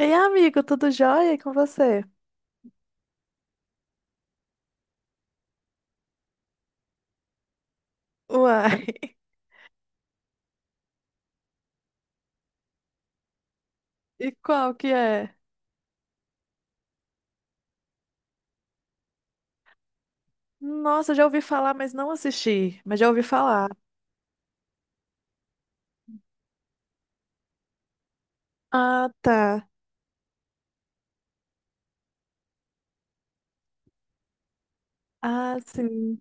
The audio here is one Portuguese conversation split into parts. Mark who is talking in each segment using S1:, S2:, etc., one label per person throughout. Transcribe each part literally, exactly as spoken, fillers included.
S1: Ei, amigo, tudo jóia. E com você? Uai, e qual que é? Nossa, já ouvi falar, mas não assisti. Mas já ouvi falar. Ah, tá. Ah, sim.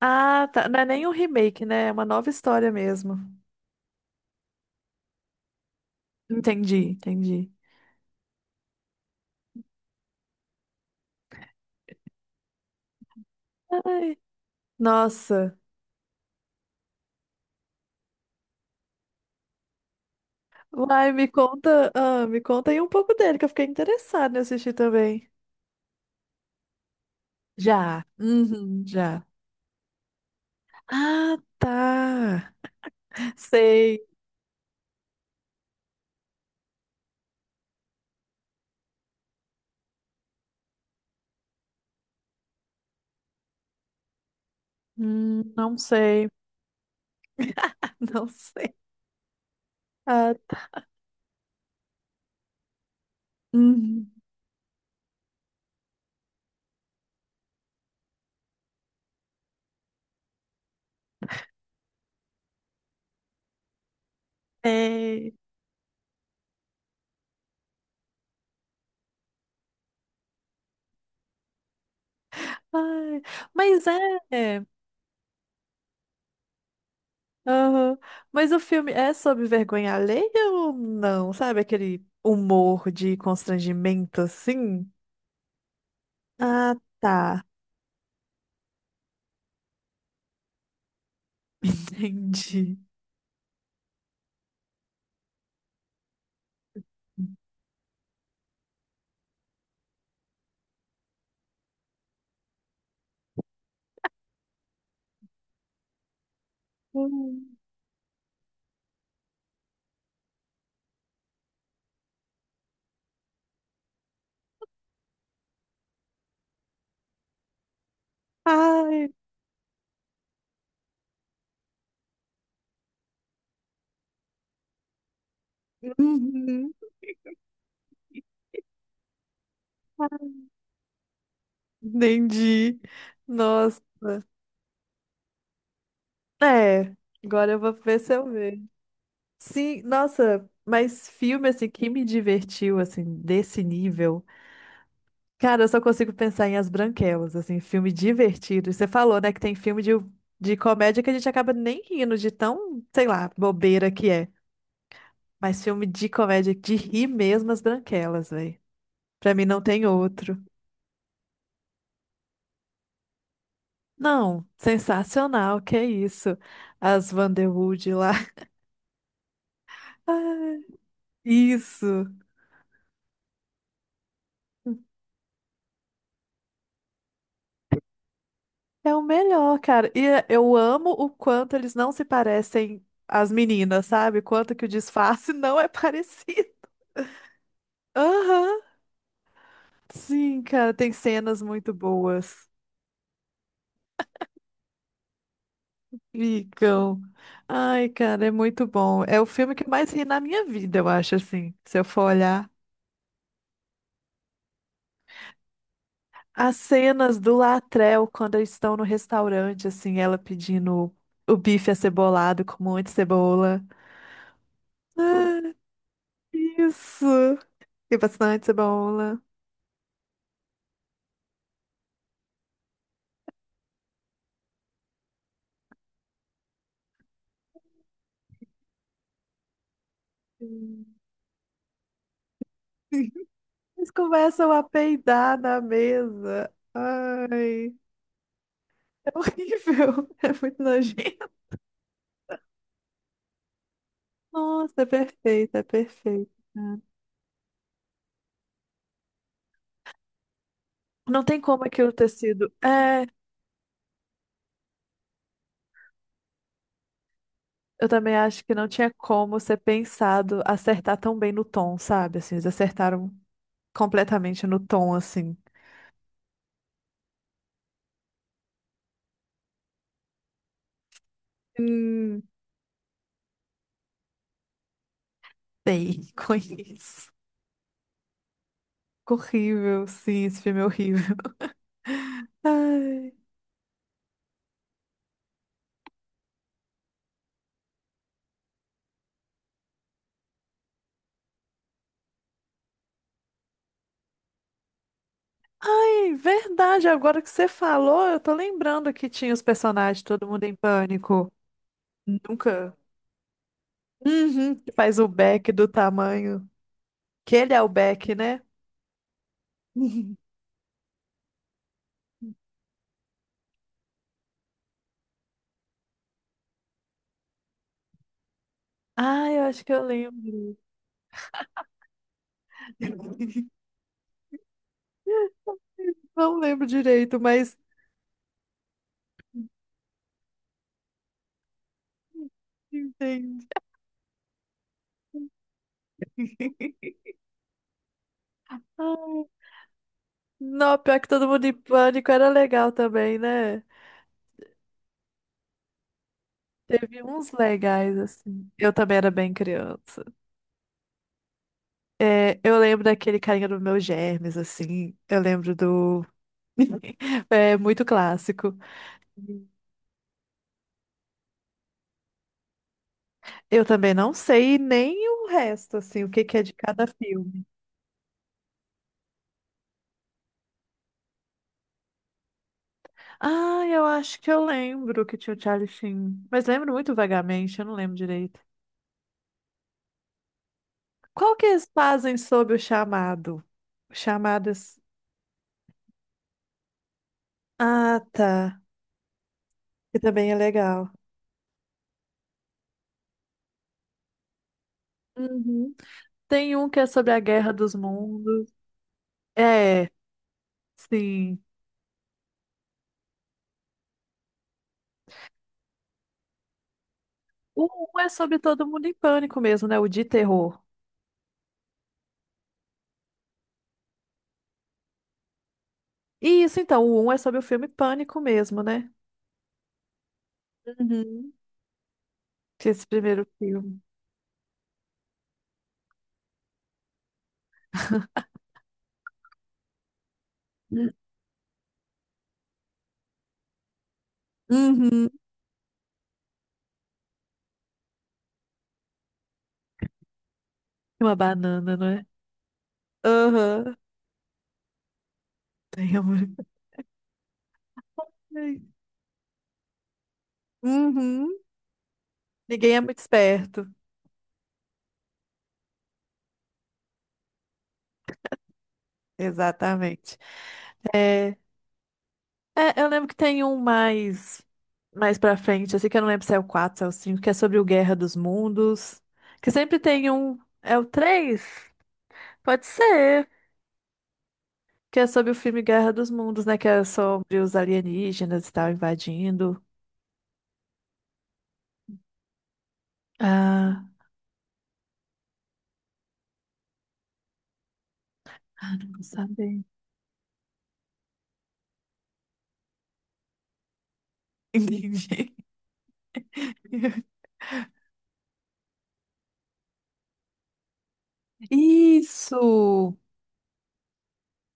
S1: Ah, tá. Não é nem um remake, né? É uma nova história mesmo. Entendi, entendi. Ai, nossa. Uai, me conta, ah, me conta aí um pouco dele, que eu fiquei interessada em assistir também. Já. Uhum, já. Ah, tá. Sei. Hum, não sei. Não sei. Ah. Uhum. É. Ai, mas é. É, aham. Mas o filme é sobre vergonha alheia ou não? Sabe aquele humor de constrangimento assim? Ah, tá. Entendi. Hum. Ai, uhum. Entendi. Nossa. É, agora eu vou ver se eu vejo. Sim, nossa, mas filme assim que me divertiu assim desse nível. Cara, eu só consigo pensar em As Branquelas, assim, filme divertido. E você falou, né, que tem filme de, de comédia que a gente acaba nem rindo de tão, sei lá, bobeira que é. Mas filme de comédia de rir mesmo, As Branquelas, velho. Pra mim não tem outro. Não, sensacional, que é isso. As Vanderwood lá. Ah, isso. É o melhor, cara. E eh, eu amo o quanto eles não se parecem às meninas, sabe? Quanto que o disfarce não é parecido. Aham. Sim, cara, tem cenas muito boas. Ficam. Ai, cara, é muito bom. É o filme que eu mais ri na minha vida, eu acho, assim, se eu for olhar. As cenas do Latrell quando eles estão no restaurante, assim, ela pedindo o bife acebolado com um monte de cebola. Ah, isso! E bastante cebola. Sim. Eles começam a peidar na mesa. Ai, é horrível. É muito nojento. Nossa, é perfeito, é perfeito, cara. Não tem como aquilo ter sido. É, eu também acho que não tinha como ser pensado acertar tão bem no tom, sabe? Assim, eles acertaram completamente no tom, assim. Hum, sei, conheço. Horrível, sim, esse filme é horrível. Ai. Ai, verdade, agora que você falou, eu tô lembrando que tinha os personagens, todo mundo em pânico. Nunca. Uhum, que faz o Beck do tamanho. Que ele é o Beck, né? Ah, eu acho que eu lembro. Não lembro direito, mas entendi. Ai, não, pior que todo mundo em pânico era legal também, né? Teve uns legais, assim. Eu também era bem criança. É, eu lembro daquele carinha do meu germes, assim. Eu lembro do. É muito clássico. Eu também não sei nem o resto, assim, o que que é de cada filme. Ah, eu acho que eu lembro que tinha o Charlie Sheen. Mas lembro muito vagamente, eu não lembro direito. Qual que eles fazem sobre o chamado? Chamadas. Ah, tá. Que também é legal. Uhum. Tem um que é sobre a Guerra dos Mundos. É, sim. O um é sobre todo mundo em pânico mesmo, né? O de terror. E isso, então, o um é sobre o filme Pânico mesmo, né? Uhum. Que é esse primeiro filme. Uhum. Uma banana, não é? Aham. Tem amor. Ai, uhum. Ninguém é muito esperto. Exatamente. É, é, eu lembro que tem um mais mais pra frente, assim que eu não lembro se é o quatro se é o cinco, que é sobre o Guerra dos Mundos. Que sempre tem um. É o três. Pode ser. Que é sobre o filme Guerra dos Mundos, né? Que é sobre os alienígenas e tal invadindo. Ah, ah, não vou saber. Entendi. Isso!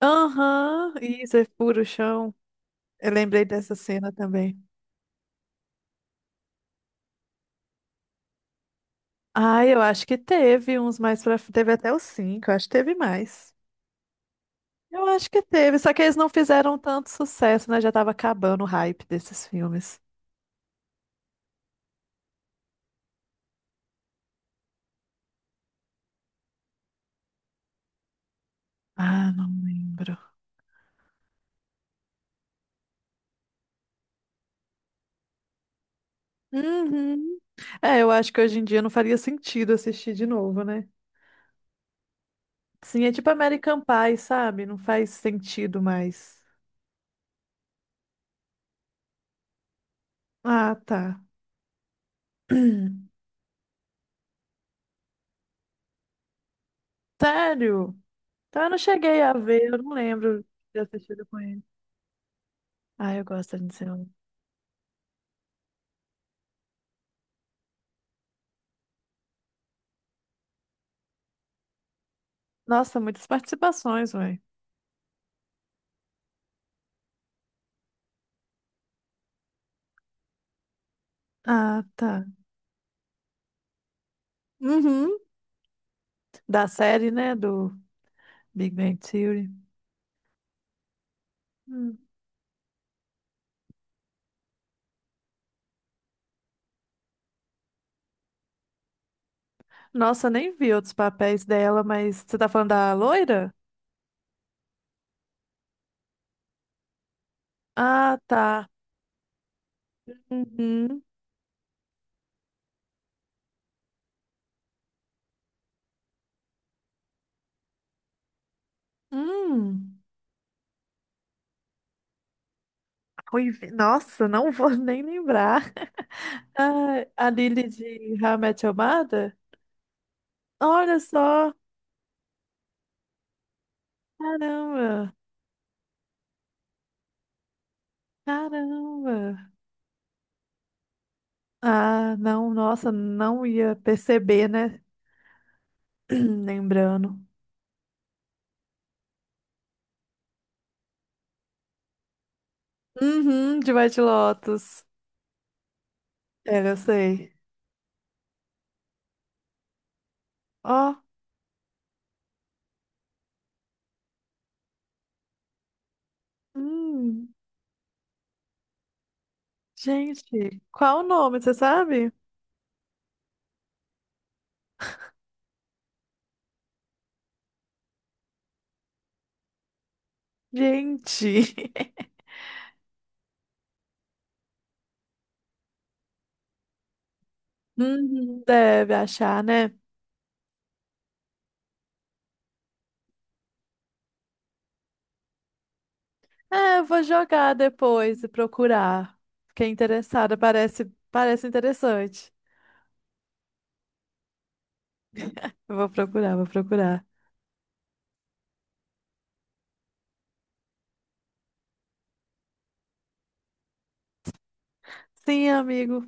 S1: Aham, isso é puro chão. Eu lembrei dessa cena também. Ah, eu acho que teve uns mais pra. Teve até os cinco, eu acho que teve mais. Eu acho que teve, só que eles não fizeram tanto sucesso, né? Já tava acabando o hype desses filmes. Ah, não lembro. Uhum. É, eu acho que hoje em dia não faria sentido assistir de novo, né? Sim, é tipo American Pie, sabe? Não faz sentido mais. Ah, tá. Sério? Então eu não cheguei a ver, eu não lembro de ter assistido com ele. Ah, eu gosto de ser. Nossa, muitas participações, velho. Ah, tá. Uhum. Da série, né? Do Big Bang Theory. Hum. Nossa, eu nem vi outros papéis dela, mas você tá falando da loira? Ah, tá. Uhum. Hum. Ruivi- Nossa, não vou nem lembrar. Ah, a Lily de How I Met Your Mother? Olha só. Caramba. Caramba. Ah, não, nossa, não ia perceber, né? Lembrando. Uhum, de White Lotus. É, eu sei. Ó, hum, gente, qual o nome, você sabe? Gente, uhum, deve achar, né? É, eu vou jogar depois e procurar. Fiquei interessada, parece, parece interessante. Eu vou procurar, vou procurar. Sim, amigo.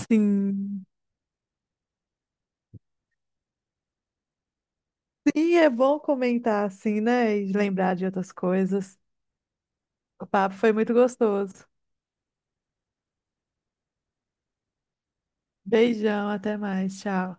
S1: Sim. Sim, é bom comentar assim, né? E lembrar de outras coisas. O papo foi muito gostoso. Beijão, até mais, tchau.